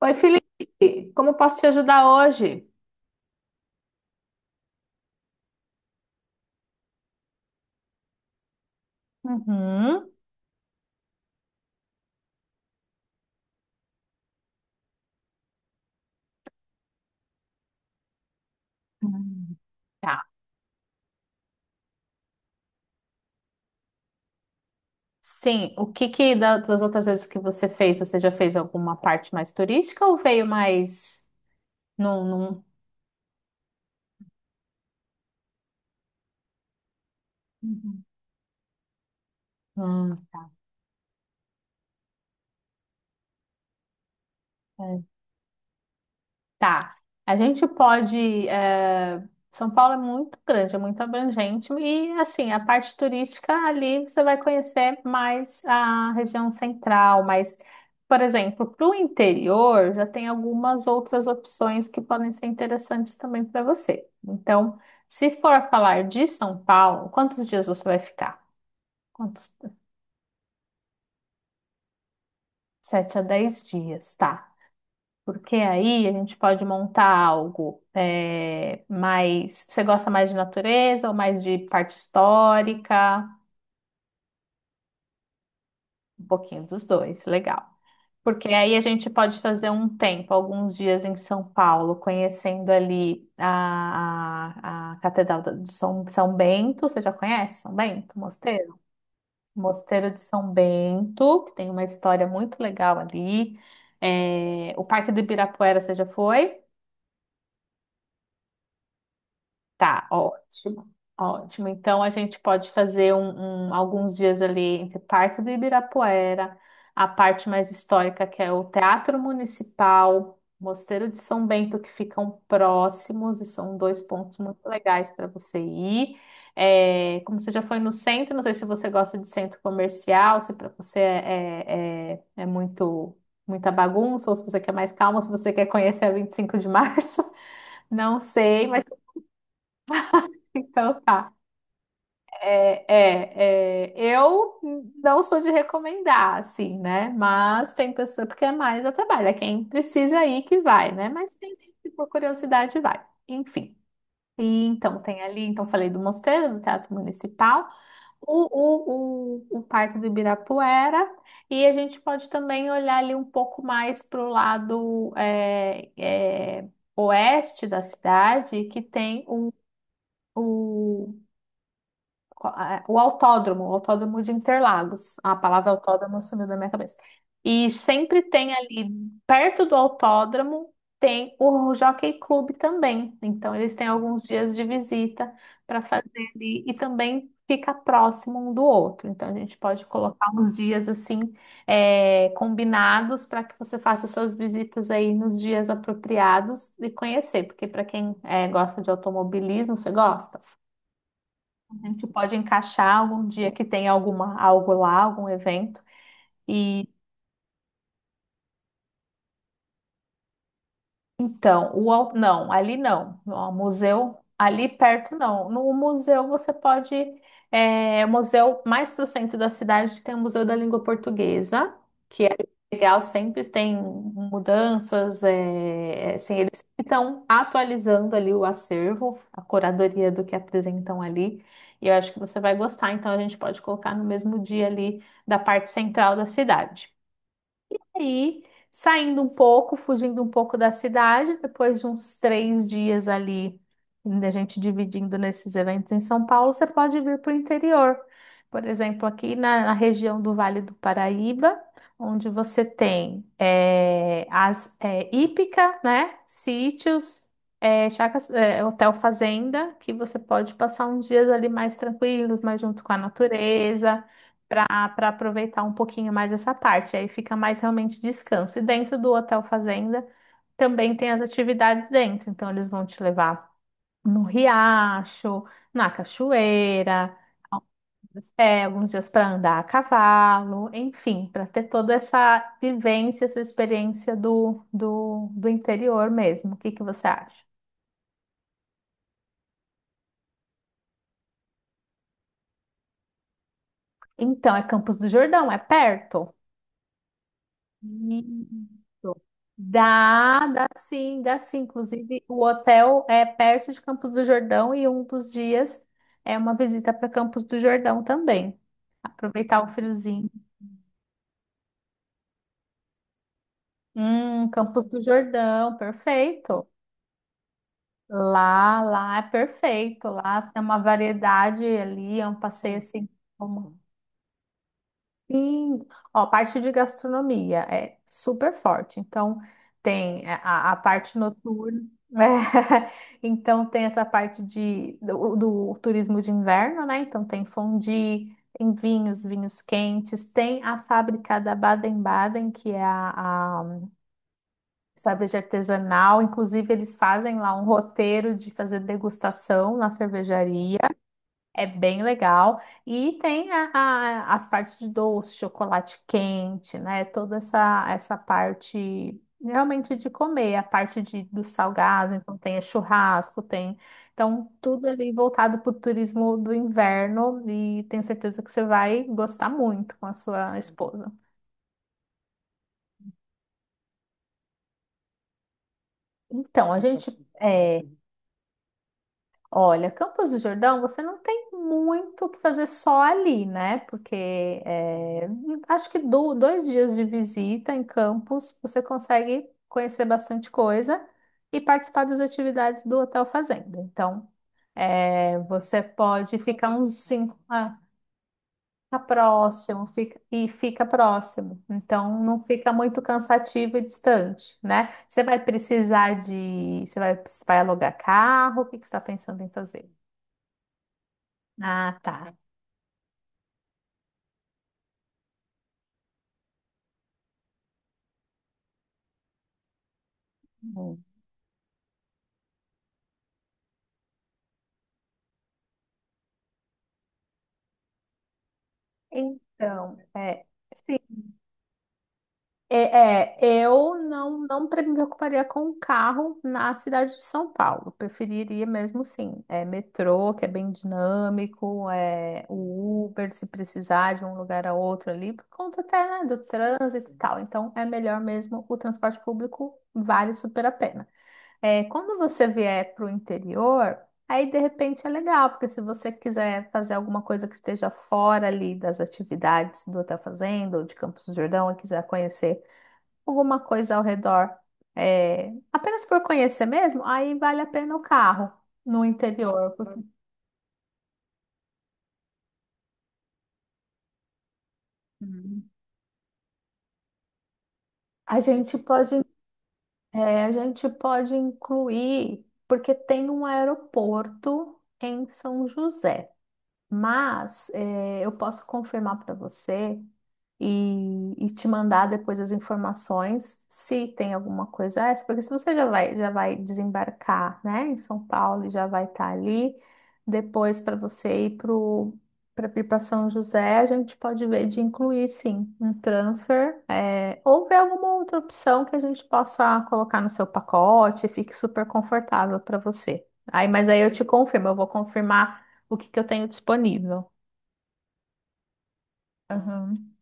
Oi, Felipe, como posso te ajudar hoje? Uhum. Hum. Tá. Sim, o que que das outras vezes que você fez, você já fez alguma parte mais turística ou veio mais num, Uhum. num- é, Tá. A gente pode. eh, São Paulo é muito grande, é muito abrangente. E, assim, a parte turística ali você vai conhecer mais a região central. Mas, por exemplo, para o interior já tem algumas outras opções que podem ser interessantes também para você. Então, se for falar de São Paulo, quantos dias você vai ficar? Quantos? 7 a 10 dias, tá. Porque aí a gente pode montar algo mais. Você gosta mais de natureza ou mais de parte histórica? Um pouquinho dos dois, legal. Porque aí a gente pode fazer um tempo, alguns dias em São Paulo, conhecendo ali a Catedral de São, São Bento. Você já conhece São Bento, Mosteiro? Mosteiro de São Bento, que tem uma história muito legal ali. O Parque do Ibirapuera, você já foi? Tá, ótimo. Ótimo. Então a gente pode fazer alguns dias ali entre parte do Ibirapuera, a parte mais histórica, que é o Teatro Municipal, Mosteiro de São Bento, que ficam próximos, e são dois pontos muito legais para você ir. É, como você já foi no centro, não sei se você gosta de centro comercial, se para você é, é, é é muito muita bagunça, ou se você quer mais calma, se você quer conhecer a 25 de Março, não sei, mas então tá. É, eu não sou de recomendar, assim, né? Mas tem pessoa, porque é mais a trabalho, é quem precisa ir que vai, né? Mas tem gente que por curiosidade vai, enfim. E então tem ali, então falei do Mosteiro, do Teatro Municipal, o Parque do Ibirapuera, e a gente pode também olhar ali um pouco mais para o lado oeste da cidade, que tem o o autódromo, o autódromo de Interlagos. A palavra autódromo sumiu da minha cabeça. E sempre tem ali, perto do autódromo, tem o Jockey Club também. Então, eles têm alguns dias de visita para fazer ali. E também fica próximo um do outro. Então, a gente pode colocar uns dias assim, combinados para que você faça essas visitas aí nos dias apropriados e conhecer. Porque, para quem é, gosta de automobilismo, você gosta? A gente pode encaixar algum dia que tem alguma, algo lá, algum evento, e então, não, ali não. O museu, ali perto não. No museu você pode. É, museu mais para o centro da cidade tem o Museu da Língua Portuguesa, que é legal, sempre tem mudanças. É, é, assim, eles estão atualizando ali o acervo, a curadoria do que apresentam ali. E eu acho que você vai gostar, então a gente pode colocar no mesmo dia ali da parte central da cidade aí, saindo um pouco, fugindo um pouco da cidade, depois de uns 3 dias ali, da gente dividindo nesses eventos em São Paulo, você pode vir para o interior. Por exemplo, aqui na região do Vale do Paraíba, onde você tem as hípica, né? Sítios, chacras, hotel fazenda, que você pode passar uns dias ali mais tranquilos, mais junto com a natureza para aproveitar um pouquinho mais essa parte. Aí fica mais realmente descanso. E dentro do Hotel Fazenda também tem as atividades dentro. Então eles vão te levar no riacho, na cachoeira, alguns alguns dias para andar a cavalo, enfim, para ter toda essa vivência, essa experiência do interior mesmo. O que que você acha? Então, é Campos do Jordão, é perto? Isso. Dá, dá sim, dá sim. Inclusive, o hotel é perto de Campos do Jordão e um dos dias é uma visita para Campos do Jordão também. Aproveitar o friozinho. Campos do Jordão, perfeito. Lá, lá é perfeito. Lá tem uma variedade ali, é um passeio assim. Sim, ó, a parte de gastronomia é super forte. Então, tem a parte noturna, né? Então, tem essa parte do turismo de inverno, né? Então, tem fondue, tem vinhos, vinhos quentes, tem a fábrica da Baden-Baden, que é a cerveja artesanal. Inclusive, eles fazem lá um roteiro de fazer degustação na cervejaria. É bem legal. E tem as partes de doce, chocolate quente, né? Toda essa parte realmente de comer, a parte dos salgados, então tem churrasco, tem. Então, tudo ali voltado para o turismo do inverno e tenho certeza que você vai gostar muito com a sua esposa. Então, a gente, olha, Campos do Jordão, você não tem muito o que fazer só ali, né? Porque é, acho que 2 dias de visita em Campos você consegue conhecer bastante coisa e participar das atividades do Hotel Fazenda. Então, você pode ficar uns cinco fica próximo e fica próximo. Então, não fica muito cansativo e distante, né? Você vai precisar de, você vai, vai alugar carro? O que que você está pensando em fazer? Ah, tá. Hum. Então, sim, eu não me preocuparia com o carro na cidade de São Paulo. Preferiria mesmo, sim, metrô, que é bem dinâmico, o Uber, se precisar de um lugar a outro ali, por conta até, né, do trânsito e tal. Então, é melhor mesmo o transporte público, vale super a pena. É, quando você vier para o interior, aí de repente é legal, porque se você quiser fazer alguma coisa que esteja fora ali das atividades do Hotel Fazenda ou de Campos do Jordão e quiser conhecer alguma coisa ao redor, apenas por conhecer mesmo, aí vale a pena o carro no interior. Porque Hum. A gente pode, a gente pode incluir, porque tem um aeroporto em São José, mas eu posso confirmar para você, e te mandar depois as informações se tem alguma coisa essa, porque se você já vai desembarcar, né, em São Paulo e já vai estar ali, depois para você ir pro para ir para São José, a gente pode ver de incluir sim um transfer, ou ver alguma outra opção que a gente possa colocar no seu pacote e fique super confortável para você. Aí, mas aí eu te confirmo, eu vou confirmar o que que eu tenho disponível. Aham.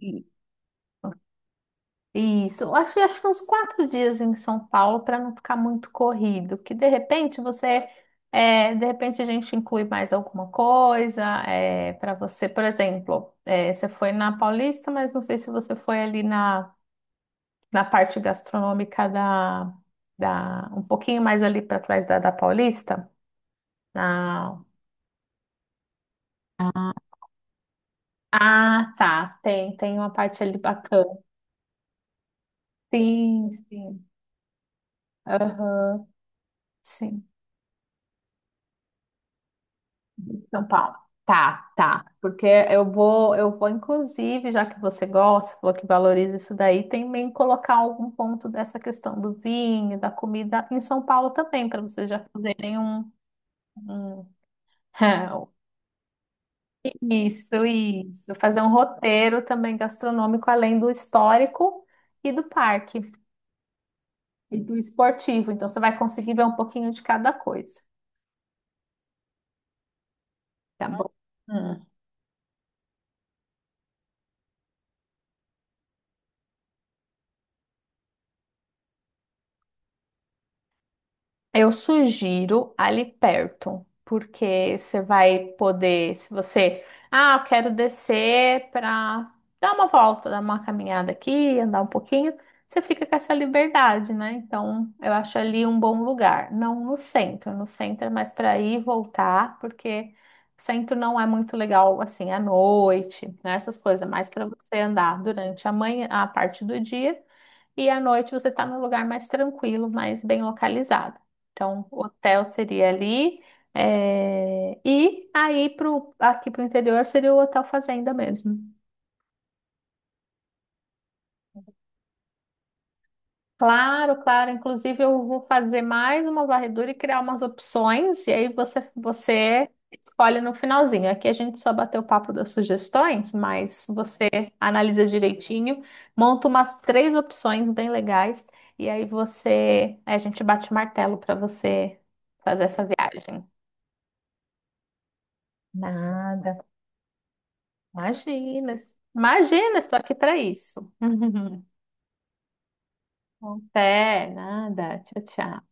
E- isso, acho que uns 4 dias em São Paulo para não ficar muito corrido, que de repente você, de repente a gente inclui mais alguma coisa para você, por exemplo, você foi na Paulista, mas não sei se você foi ali na parte gastronômica um pouquinho mais ali para trás da Paulista, na, Ah, ah, tá. Tem uma parte ali bacana. Sim, sim. Aham. Sim. De São Paulo. Tá, tá. Porque eu vou, inclusive, já que você gosta, falou que valoriza isso daí, também colocar algum ponto dessa questão do vinho, da comida em São Paulo também, para vocês já fazerem um- isso, isso. Fazer um roteiro também gastronômico, além do histórico e do parque e do esportivo. Então, você vai conseguir ver um pouquinho de cada coisa, tá bom? Eu sugiro ali perto, porque você vai poder, se você, ah, eu quero descer para dar uma volta, dar uma caminhada aqui, andar um pouquinho, você fica com essa liberdade, né? Então, eu acho ali um bom lugar, não no centro, no centro é mais para ir e voltar, porque o centro não é muito legal assim à noite, né? Essas coisas, é mais para você andar durante a manhã, a parte do dia. E à noite você está num lugar mais tranquilo, mais bem localizado. Então, o hotel seria ali. E aí, aqui para o interior, seria o Hotel Fazenda mesmo. Claro, claro. Inclusive, eu vou fazer mais uma varredura e criar umas opções, e aí você escolhe no finalzinho. Aqui a gente só bateu o papo das sugestões, mas você analisa direitinho, monta umas três opções bem legais, e aí aí a gente bate o martelo para você fazer essa viagem. Nada. Imagina. Imagina, estou aqui para isso. Até, nada. Tchau, tchau.